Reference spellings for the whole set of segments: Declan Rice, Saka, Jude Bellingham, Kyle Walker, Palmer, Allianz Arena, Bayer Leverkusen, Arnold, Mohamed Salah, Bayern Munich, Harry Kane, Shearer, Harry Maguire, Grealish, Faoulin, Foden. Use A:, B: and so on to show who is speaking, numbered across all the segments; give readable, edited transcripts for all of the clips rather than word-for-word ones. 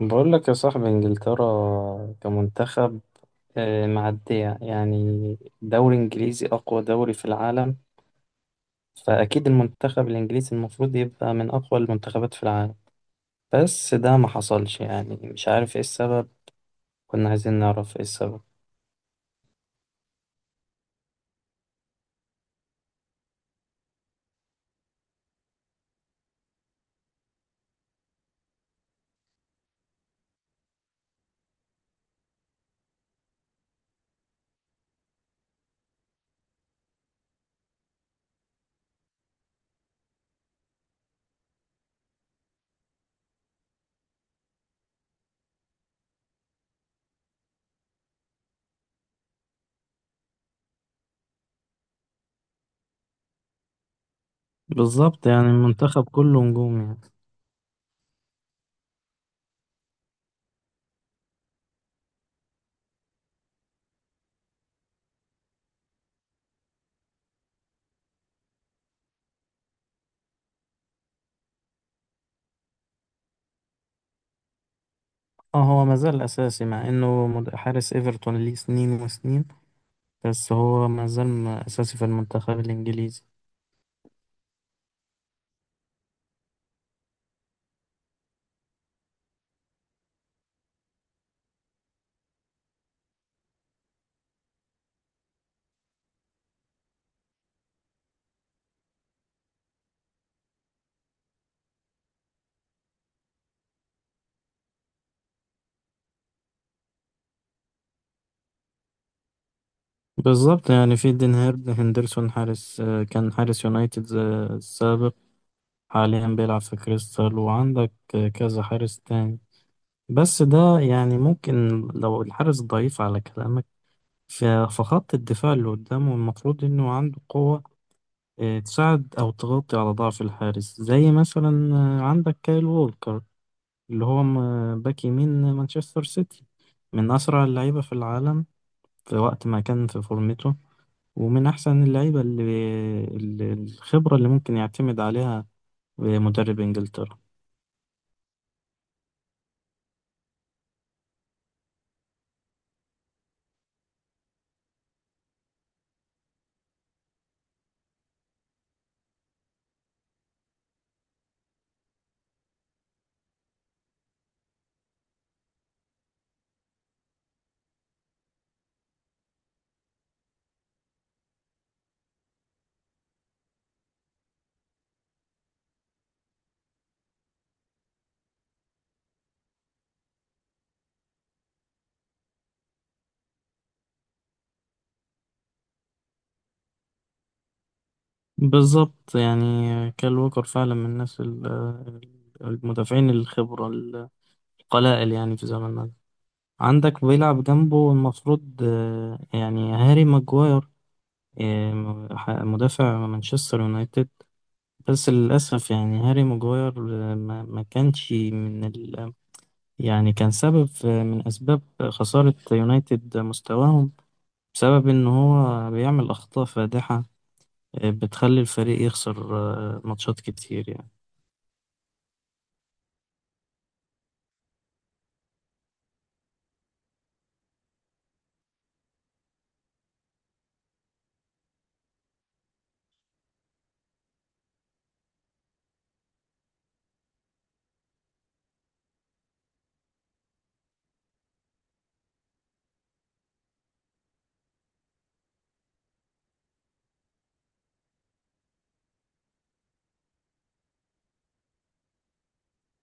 A: بقول لك يا صاحبي انجلترا كمنتخب معدية، يعني دوري انجليزي اقوى دوري في العالم. فاكيد المنتخب الانجليزي المفروض يبقى من اقوى المنتخبات في العالم. بس ده ما حصلش، يعني مش عارف ايه السبب. كنا عايزين نعرف ايه السبب. بالظبط، يعني المنتخب كله نجوم يعني. اه، هو ما زال اساسي مع انه حارس ايفرتون ليه سنين وسنين. بس هو ما زال اساسي في المنتخب الانجليزي. بالظبط، يعني في دين هيرد هندرسون حارس، كان حارس يونايتد السابق. حاليا بيلعب في كريستال، وعندك كذا حارس تاني. بس ده يعني ممكن، لو الحارس ضعيف على كلامك، فخط الدفاع اللي قدامه المفروض انه عنده قوة تساعد او تغطي على ضعف الحارس، زي مثلا عندك كايل وولكر اللي هو باك يمين مانشستر سيتي، من اسرع اللعيبة في العالم في وقت ما كان في فورمته. ومن أحسن اللعيبة اللي الخبرة اللي ممكن يعتمد عليها مدرب إنجلترا. بالظبط، يعني كال ووكر فعلا من الناس، المدافعين الخبرة القلائل يعني في زماننا ده. عندك بيلعب جنبه المفروض يعني هاري ماجواير، مدافع مانشستر يونايتد. بس للأسف يعني هاري ماجواير ما كانش من ال، يعني كان سبب من أسباب خسارة يونايتد مستواهم، بسبب إن هو بيعمل أخطاء فادحة بتخلي الفريق يخسر ماتشات كتير يعني.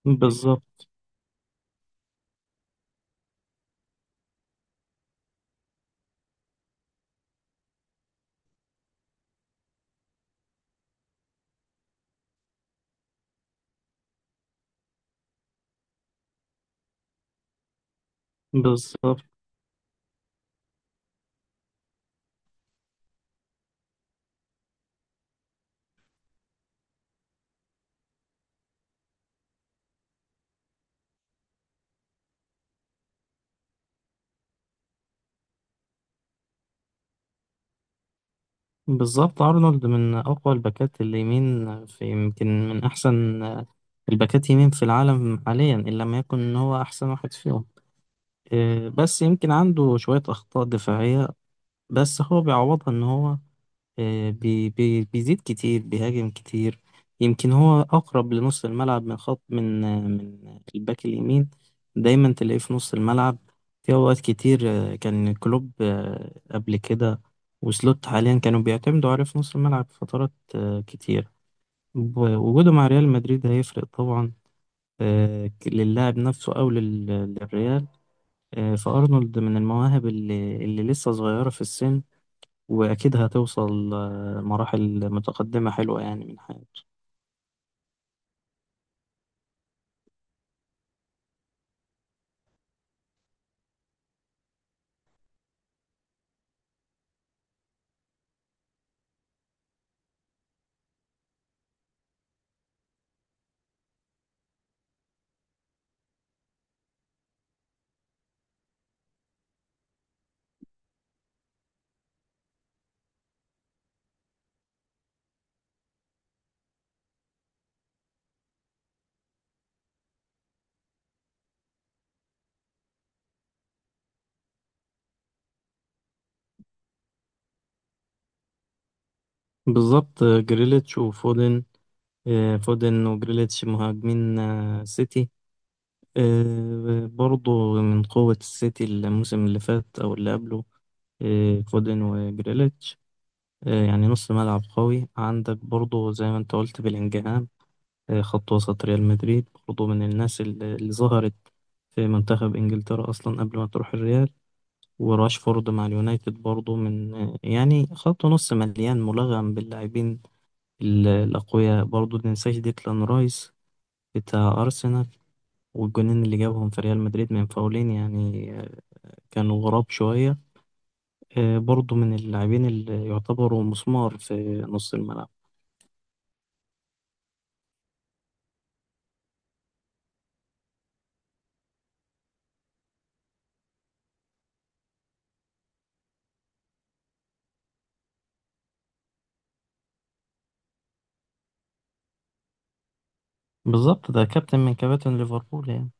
A: بالظبط، بالظبط، بالظبط. أرنولد من أقوى الباكات اليمين، في يمكن من أحسن الباكات يمين في العالم حاليا، إن لم يكن إن هو أحسن واحد فيهم. بس يمكن عنده شوية أخطاء دفاعية، بس هو بيعوضها إن هو آه، بي بي بيزيد كتير، بيهاجم كتير. يمكن هو أقرب لنص الملعب من خط، من من الباك اليمين. دايما تلاقيه في نص الملعب في أوقات كتير. كان كلوب قبل كده، وسلوت حاليا كانوا بيعتمدوا عليه في نص الملعب في فترات كتير. وجوده مع ريال مدريد هيفرق طبعا للاعب نفسه أو للريال. فأرنولد من المواهب اللي لسه صغيرة في السن، وأكيد هتوصل مراحل متقدمة حلوة يعني من حياته. بالظبط. جريليتش وفودن، فودن وجريليتش مهاجمين سيتي، برضو من قوة السيتي الموسم اللي فات أو اللي قبله. فودن وجريليتش يعني نص ملعب قوي. عندك برضو زي ما انت قلت بلينجهام، خط وسط ريال مدريد برضو من الناس اللي ظهرت في منتخب إنجلترا أصلا قبل ما تروح الريال. وراشفورد مع اليونايتد برضو من، يعني خط نص مليان ملغم باللاعبين الأقوياء. برضو متنساش ديكلان رايس بتاع أرسنال، والجونين اللي جابهم في ريال مدريد من فاولين، يعني كانوا غراب شوية. برضو من اللاعبين اللي يعتبروا مسمار في نص الملعب. بالظبط، ده كابتن من كباتن ليفربول يعني.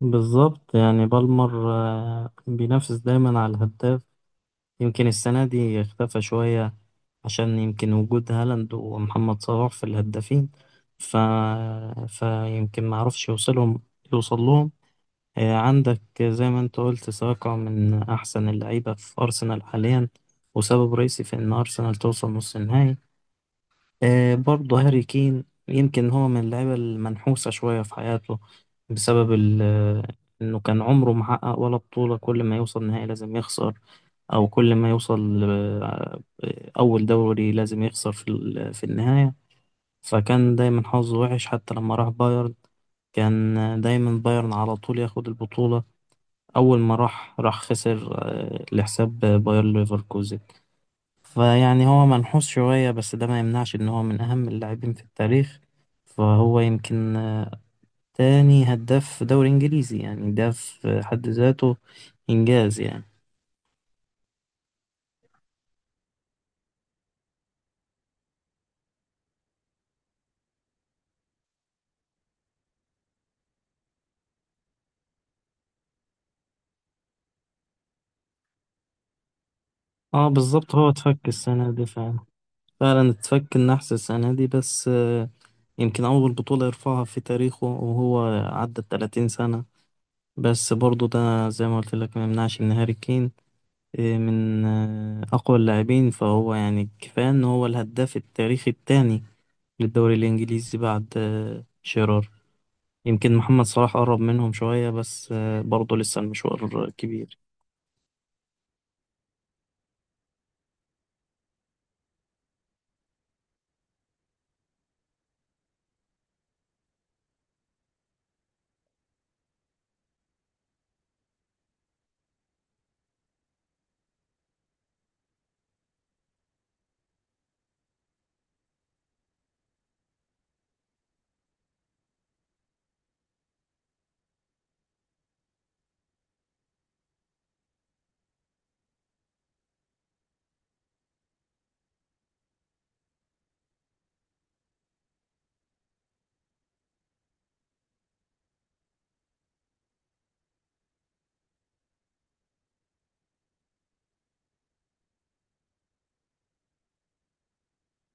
A: بالظبط، يعني بالمر بينافس دايما على الهداف. يمكن السنة دي اختفى شوية، عشان يمكن وجود هالاند ومحمد صلاح في الهدافين، ف... فيمكن معرفش يوصل لهم. عندك زي ما انت قلت ساكا من أحسن اللعيبة في أرسنال حاليا، وسبب رئيسي في إن أرسنال توصل نص النهائي. برضه هاري كين يمكن هو من اللعيبة المنحوسة شوية في حياته، بسبب ال... آه، إنه كان عمره محقق ولا بطولة. كل ما يوصل نهائي لازم يخسر، او كل ما يوصل اول دوري لازم يخسر في في النهاية. فكان دايما حظه وحش، حتى لما راح بايرن كان دايما بايرن على طول ياخد البطولة. أول ما راح خسر لحساب باير ليفركوزن. فيعني هو منحوس شوية، بس ده ما يمنعش إن هو من أهم اللاعبين في التاريخ. فهو يمكن تاني هداف دوري إنجليزي، يعني ده في حد ذاته إنجاز يعني. اه بالظبط، هو اتفك السنة دي فعلا، فعلا اتفك النحس السنة دي. بس يمكن أول بطولة يرفعها في تاريخه، وهو عدى الـ30 سنة. بس برضو ده زي ما قلت لك ما يمنعش إن هاري كين من أقوى اللاعبين، فهو يعني كفاية إن هو الهداف التاريخي التاني للدوري الإنجليزي بعد شيرار. يمكن محمد صلاح قرب منهم شوية، بس برضه لسه المشوار كبير.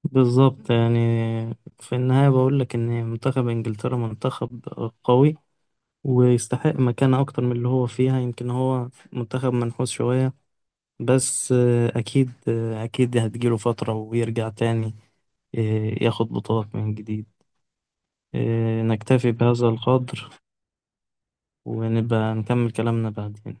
A: بالظبط، يعني في النهاية بقول لك إن منتخب إنجلترا منتخب قوي، ويستحق مكانة أكتر من اللي هو فيها. يمكن هو منتخب منحوس شوية، بس أكيد، أكيد هتجيله فترة ويرجع تاني آه، ياخد بطولات من جديد. نكتفي بهذا القدر، ونبقى نكمل كلامنا بعدين.